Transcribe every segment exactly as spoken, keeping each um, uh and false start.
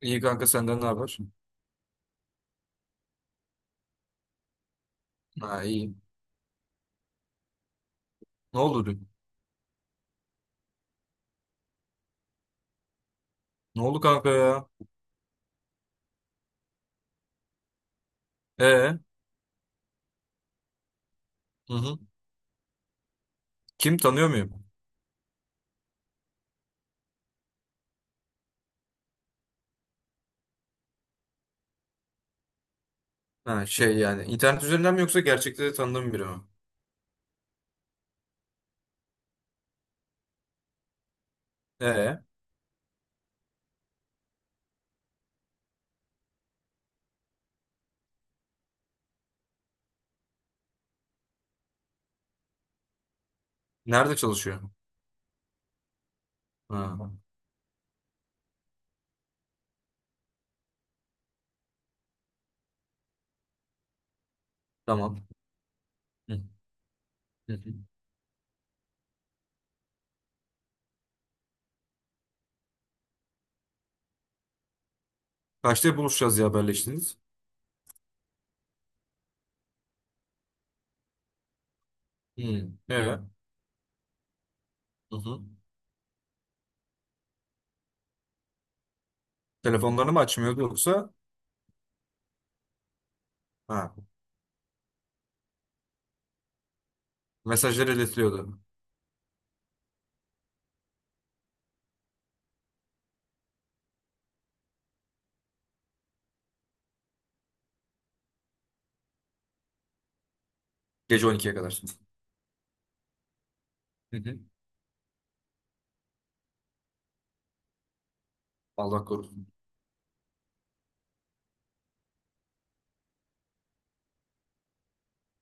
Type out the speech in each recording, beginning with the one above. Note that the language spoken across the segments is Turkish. İyi kanka, senden ne haber? Ha, iyi. Ne oldu dün? Ne oldu kanka ya? Ee? Hı hı. Kim, tanıyor muyum? Ha şey, yani internet üzerinden mi yoksa gerçekte de tanıdığım biri mi? Ee? Nerede çalışıyor? Ha, tamam. Hı hı. Hı. Kaçta buluşacağız ya, haberleştiniz? Hı. Ee? Hı hı. Telefonlarını mı açmıyordu yoksa? Ha. Mesajları iletiliyordu. Gece on ikiye kadar. Hı hı. Allah korusun.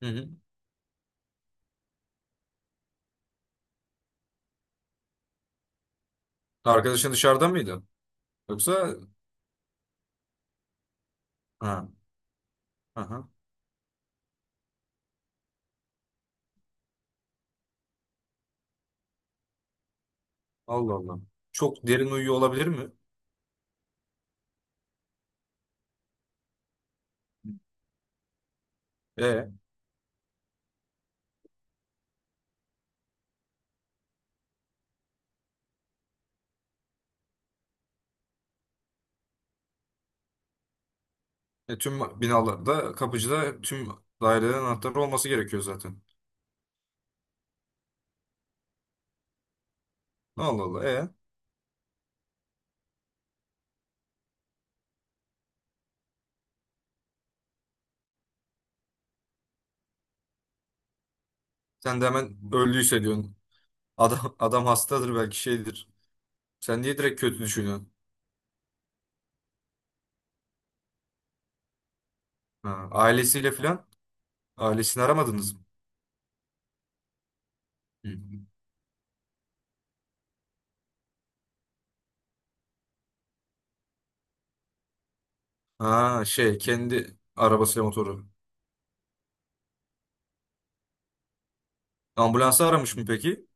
Hı hı. Arkadaşın dışarıda mıydı? Yoksa? Ha. Aha. Allah Allah. Çok derin uyuyor olabilir mi? E, e, tüm binalarda kapıcıda tüm dairelerin anahtarı olması gerekiyor zaten. Allah Allah. E, sen de hemen öldüyse diyorsun. Adam adam hastadır belki, şeydir. Sen niye direkt kötü düşünüyorsun? Ha, ailesiyle falan, ailesini aramadınız mı? Hı. Ha şey, kendi arabasıyla motoru. Ambulansı aramış mı peki?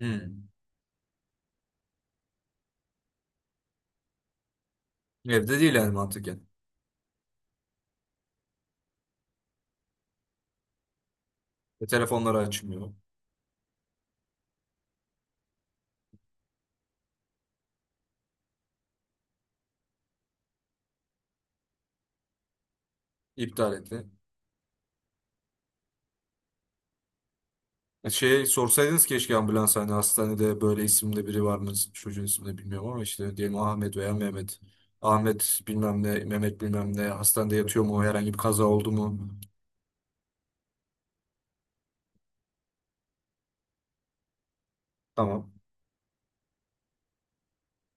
Hı. Evde değil yani mantıken. E, telefonları açmıyor. İptal etti. E, şey, sorsaydınız keşke ambulans, hani hastanede böyle isimde biri var mı? Çocuğun ismini bilmiyorum ama işte diyelim Ahmet veya Mehmet. Ahmet bilmem ne, Mehmet bilmem ne hastanede yatıyor mu? Herhangi bir kaza oldu mu? Tamam.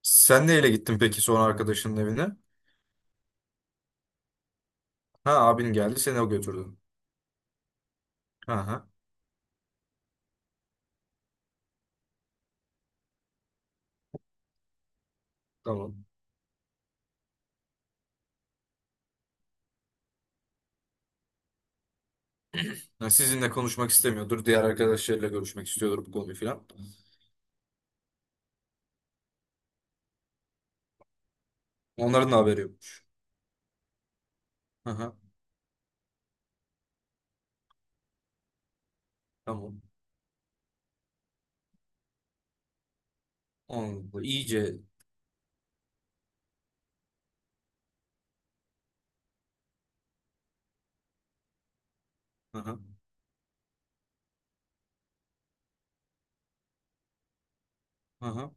Sen neyle gittin peki sonra arkadaşının evine? Ha, abin geldi, seni o götürdü. Ha ha, tamam. Ha, sizinle konuşmak istemiyordur. Diğer arkadaşlarıyla görüşmek istiyordur bu konuyu filan. Onların da haberi yokmuş. Ha ha, tamam. Anladım. İyice. Ha ha. Ha ha.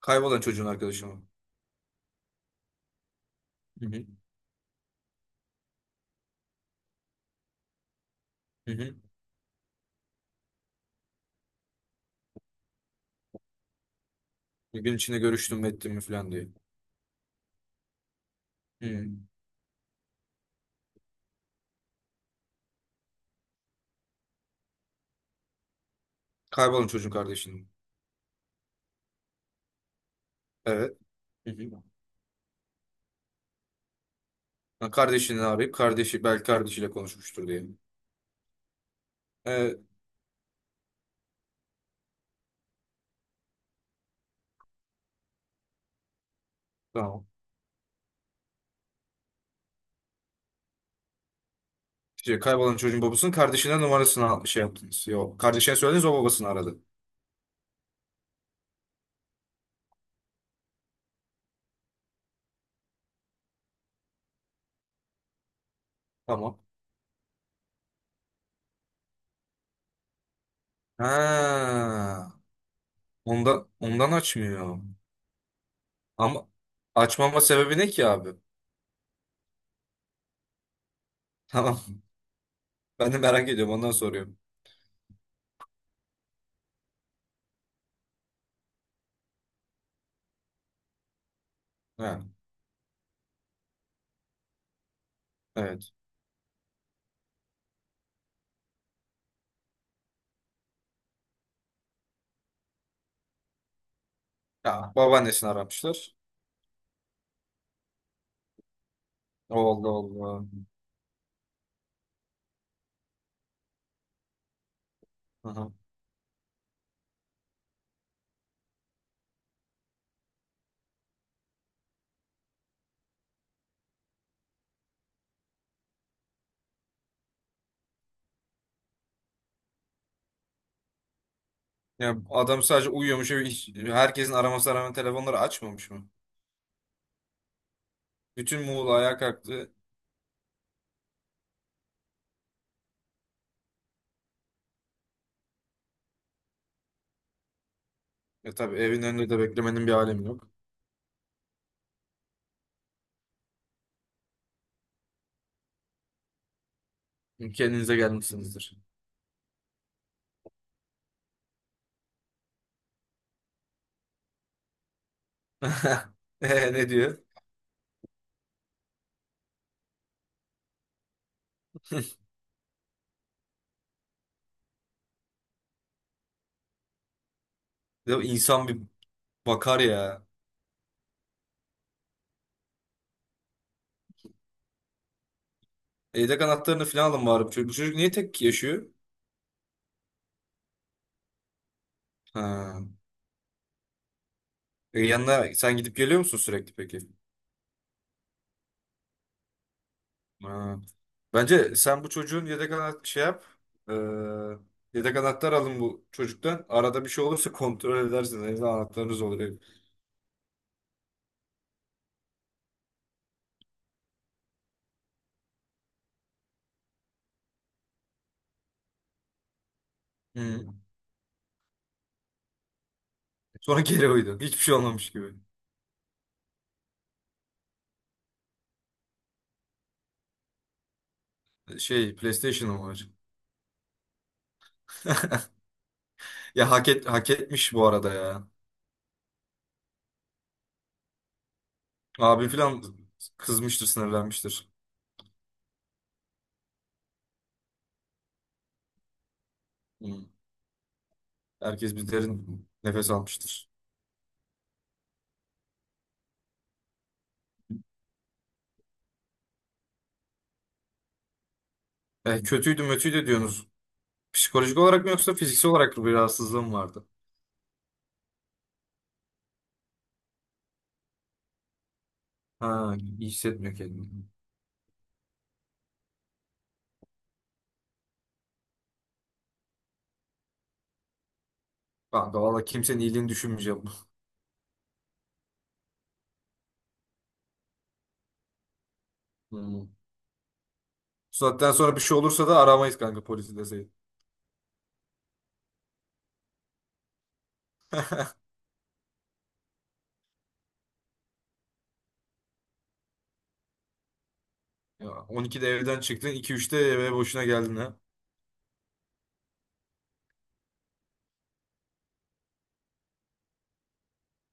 Kaybolan çocuğun arkadaşı mı? Hı hı. Hı hı. Bir gün içinde görüştüm mü ettim mi falan diye. Hı. Kaybolan çocuğun kardeşinin. Evet. Hı hı. Ha, kardeşini arayıp kardeşi belki kardeşiyle konuşmuştur diye. Evet. Tamam. Şey, kaybolan çocuğun babasının kardeşine numarasını al- şey yaptınız. Yok. Kardeşine söylediniz, o babasını aradı. Tamam. Ha. Ondan, ondan açmıyor. Ama açmama sebebi ne ki abi? Tamam. Ben de merak ediyorum. Ondan soruyorum. Ha, evet. Ya, babaannesini aramışlar. Allah Allah. Aha. Ya adam sadece uyuyormuş ve hiç- herkesin aramasına rağmen telefonları açmamış mı? Bütün Muğla ayağa kalktı. E tabii, evin önünde de beklemenin bir alemi yok. Kendinize gelmişsinizdir. E, ne diyor? Ya insan bir bakar ya. Evde anahtarını falan alın bari. Bu çocuk, bu çocuk niye tek yaşıyor? Ha. E, yanına sen gidip geliyor musun sürekli peki? Ha. Bence sen bu çocuğun yedek anahtar şey yap. E, yedek anahtar alın bu çocuktan. Arada bir şey olursa kontrol edersiniz. Evde anahtarınız olur. Ev. Hı. Sonra geri uyudum. Hiçbir şey olmamış gibi. Şey, PlayStation'ım var. Ya hak et, hak etmiş bu arada ya. Abim falan kızmıştır, sinirlenmiştir. Hmm. Herkes bir derin nefes almıştır. E, kötüydü, mötüydü diyorsunuz. Psikolojik olarak mı yoksa fiziksel olarak mı bir rahatsızlığım vardı? Ha, iyi hissetmiyor kendini. Kanka valla kimsenin iyiliğini düşünmeyeceğim. Hmm. Bu saatten sonra bir şey olursa da aramayız kanka polisi deseydin. Ya on ikide evden çıktın, iki üçte eve boşuna geldin ha.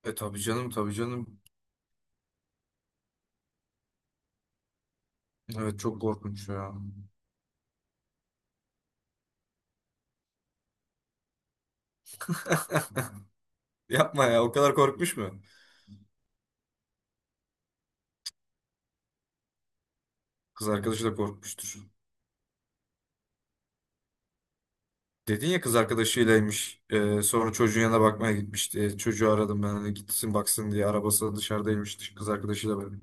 E tabii canım, tabii canım. Evet çok korkunç ya. Yapma ya, o kadar korkmuş mu? Kız arkadaşı da korkmuştur. Dedin ya kız arkadaşıylaymış. Ee, sonra çocuğun yanına bakmaya gitmişti. E, çocuğu aradım ben hani gitsin baksın diye. Arabası da dışarıdaymış kız arkadaşıyla böyle.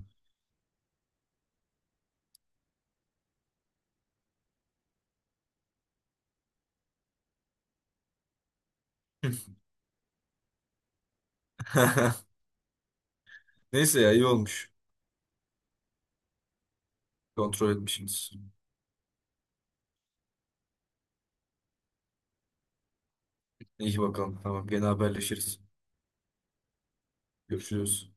Neyse ya, iyi olmuş. Kontrol etmişsiniz. İyi bakalım. Tamam, gene haberleşiriz. Görüşürüz.